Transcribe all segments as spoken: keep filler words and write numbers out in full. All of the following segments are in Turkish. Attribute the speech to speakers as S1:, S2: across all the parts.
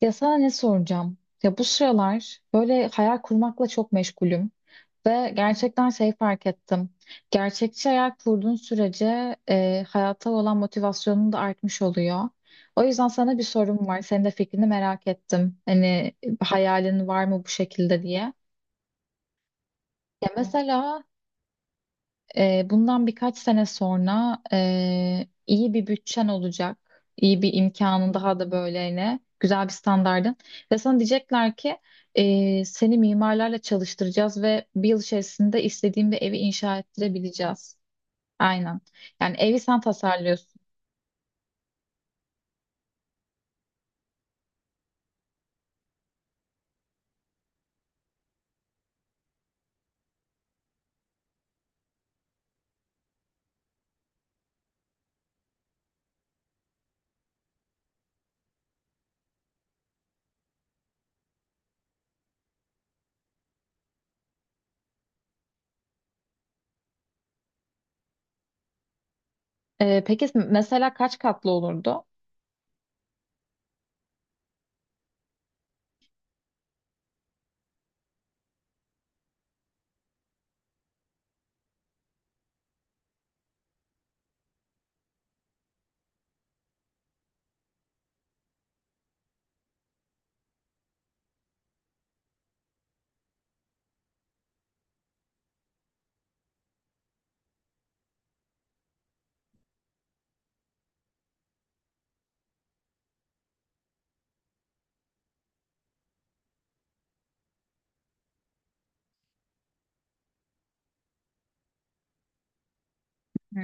S1: Ya sana ne soracağım? Ya bu sıralar böyle hayal kurmakla çok meşgulüm ve gerçekten şey fark ettim. Gerçekçi hayal kurduğun sürece e, hayata olan motivasyonun da artmış oluyor. O yüzden sana bir sorum var. Senin de fikrini merak ettim. Hani hayalin var mı bu şekilde diye. Ya mesela e, bundan birkaç sene sonra e, iyi bir bütçen olacak, iyi bir imkanın daha da böyle güzel bir standardın ve sana diyecekler ki e, seni mimarlarla çalıştıracağız ve bir yıl içerisinde istediğin bir evi inşa ettirebileceğiz. Aynen. Yani evi sen tasarlıyorsun. E, peki mesela kaç katlı olurdu? Hı.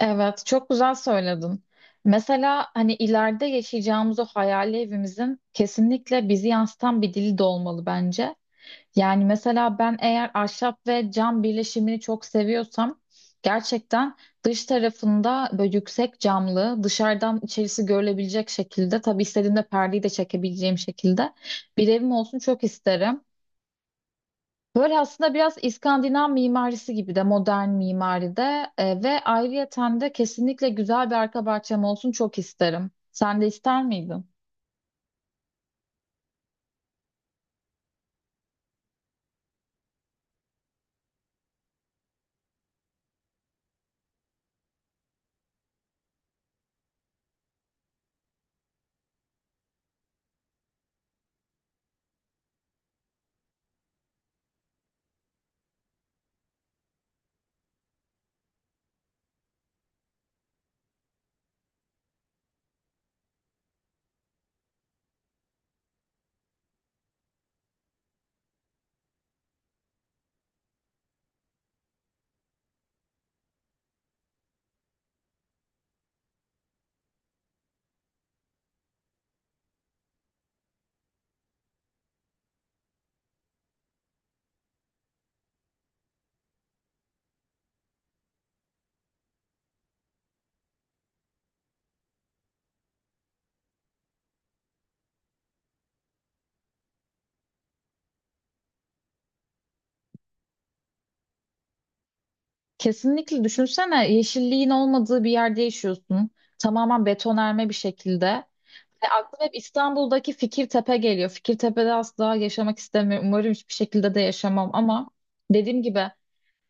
S1: Evet, çok güzel söyledin. Mesela hani ileride yaşayacağımız o hayali evimizin kesinlikle bizi yansıtan bir dili de olmalı bence. Yani mesela ben eğer ahşap ve cam birleşimini çok seviyorsam gerçekten dış tarafında böyle yüksek camlı, dışarıdan içerisi görülebilecek şekilde, tabii istediğimde perdeyi de çekebileceğim şekilde bir evim olsun çok isterim. Böyle aslında biraz İskandinav mimarisi gibi de modern mimaride e, ve ayrıyeten de kesinlikle güzel bir arka bahçem olsun çok isterim. Sen de ister miydin? Kesinlikle düşünsene yeşilliğin olmadığı bir yerde yaşıyorsun. Tamamen betonarme bir şekilde. E, aklıma hep İstanbul'daki Fikirtepe geliyor. Fikirtepe'de asla yaşamak istemiyorum. Umarım hiçbir şekilde de yaşamam ama dediğim gibi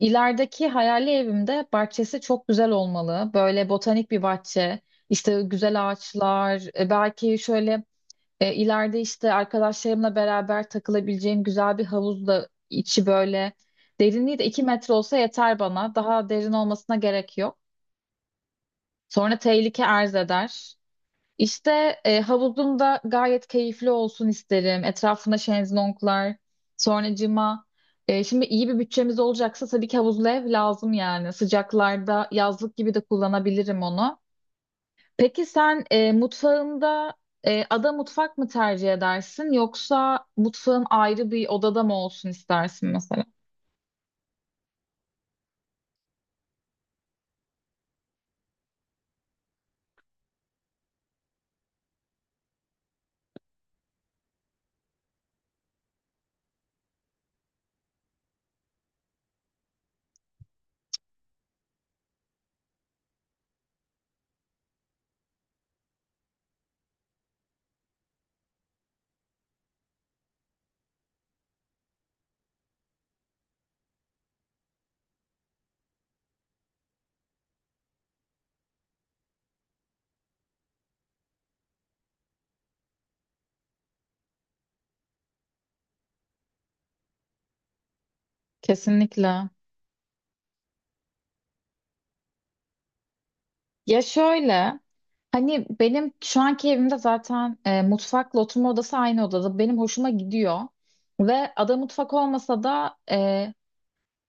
S1: İlerideki hayali evimde bahçesi çok güzel olmalı. Böyle botanik bir bahçe, işte güzel ağaçlar, e, belki şöyle e, ileride işte arkadaşlarımla beraber takılabileceğim güzel bir havuz da içi böyle. Derinliği de iki metre olsa yeter bana. Daha derin olmasına gerek yok. Sonra tehlike arz eder. İşte e, havuzum da gayet keyifli olsun isterim. Etrafında şezlonglar, sonracığıma e, şimdi iyi bir bütçemiz olacaksa tabii ki havuzlu ev lazım yani. Sıcaklarda yazlık gibi de kullanabilirim onu. Peki sen e, mutfağında e, ada mutfak mı tercih edersin yoksa mutfağın ayrı bir odada mı olsun istersin mesela? Kesinlikle. Ya şöyle, hani benim şu anki evimde zaten e, mutfakla oturma odası aynı odada. Benim hoşuma gidiyor. Ve ada mutfak olmasa da e,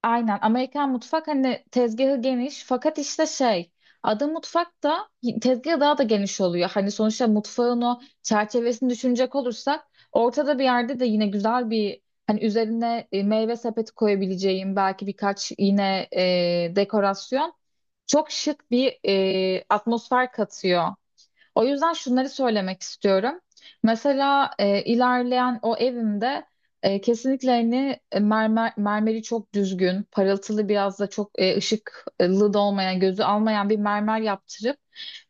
S1: aynen Amerikan mutfak hani tezgahı geniş fakat işte şey. Ada mutfak da tezgahı daha da geniş oluyor. Hani sonuçta mutfağın o çerçevesini düşünecek olursak ortada bir yerde de yine güzel bir, hani üzerine e, meyve sepeti koyabileceğim belki birkaç yine e, dekorasyon çok şık bir e, atmosfer katıyor. O yüzden şunları söylemek istiyorum. Mesela e, ilerleyen o evimde e, kesinlikle hani e, mermer, mermeri çok düzgün, parıltılı biraz da çok e, ışıklı da olmayan, gözü almayan bir mermer yaptırıp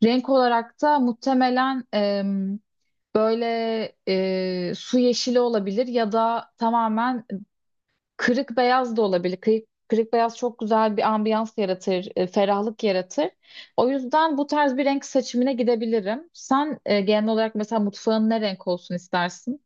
S1: renk olarak da muhtemelen e, böyle e, su yeşili olabilir ya da tamamen kırık beyaz da olabilir. Kırık, kırık beyaz çok güzel bir ambiyans yaratır, e, ferahlık yaratır. O yüzden bu tarz bir renk seçimine gidebilirim. Sen e, genel olarak mesela mutfağın ne renk olsun istersin?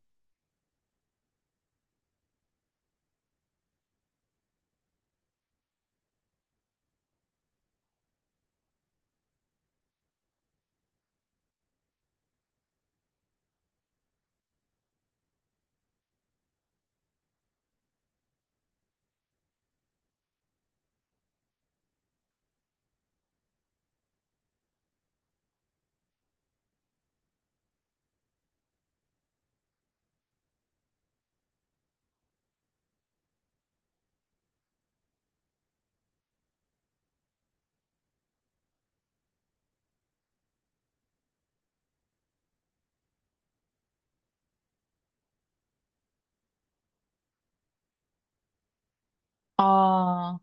S1: Aa,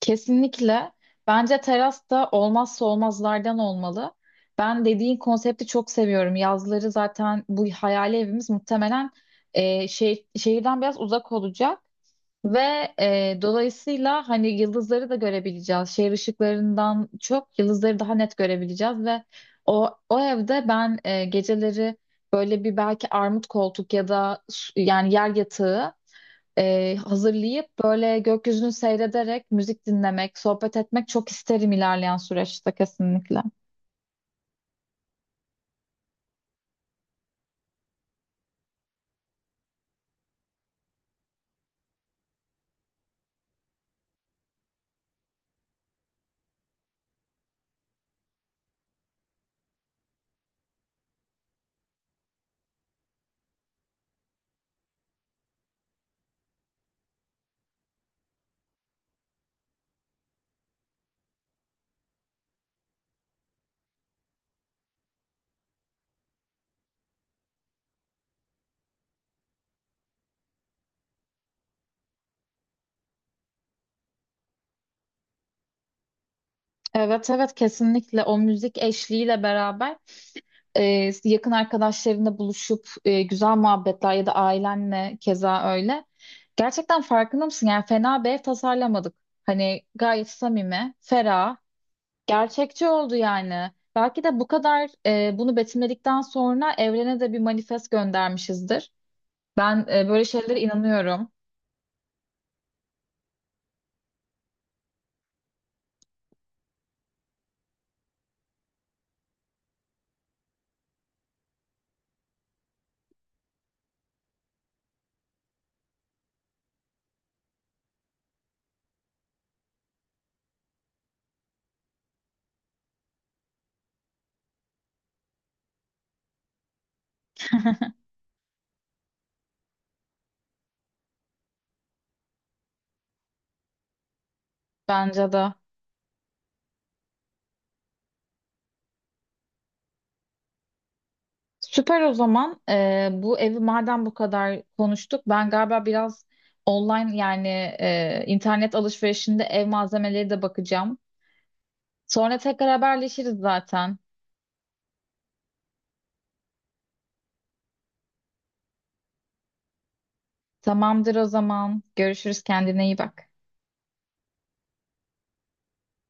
S1: kesinlikle. Bence teras da olmazsa olmazlardan olmalı. Ben dediğin konsepti çok seviyorum. Yazları zaten bu hayali evimiz muhtemelen e, şey, şehirden biraz uzak olacak. Ve e, dolayısıyla hani yıldızları da görebileceğiz. Şehir ışıklarından çok yıldızları daha net görebileceğiz ve o o evde ben e, geceleri böyle bir belki armut koltuk ya da su- yani yer yatağı e, hazırlayıp böyle gökyüzünü seyrederek müzik dinlemek, sohbet etmek çok isterim ilerleyen süreçte kesinlikle. Evet evet kesinlikle o müzik eşliğiyle beraber e, yakın arkadaşlarınla buluşup e, güzel muhabbetler ya da ailenle keza öyle. Gerçekten farkında mısın? Yani fena bir ev tasarlamadık. Hani gayet samimi, ferah, gerçekçi oldu yani. Belki de bu kadar e, bunu betimledikten sonra evrene de bir manifest göndermişizdir. Ben e, böyle şeylere inanıyorum. Bence de. Süper o zaman. Ee, bu evi madem bu kadar konuştuk, ben galiba biraz online yani e, internet alışverişinde ev malzemeleri de bakacağım. Sonra tekrar haberleşiriz zaten. Tamamdır o zaman. Görüşürüz kendine iyi bak.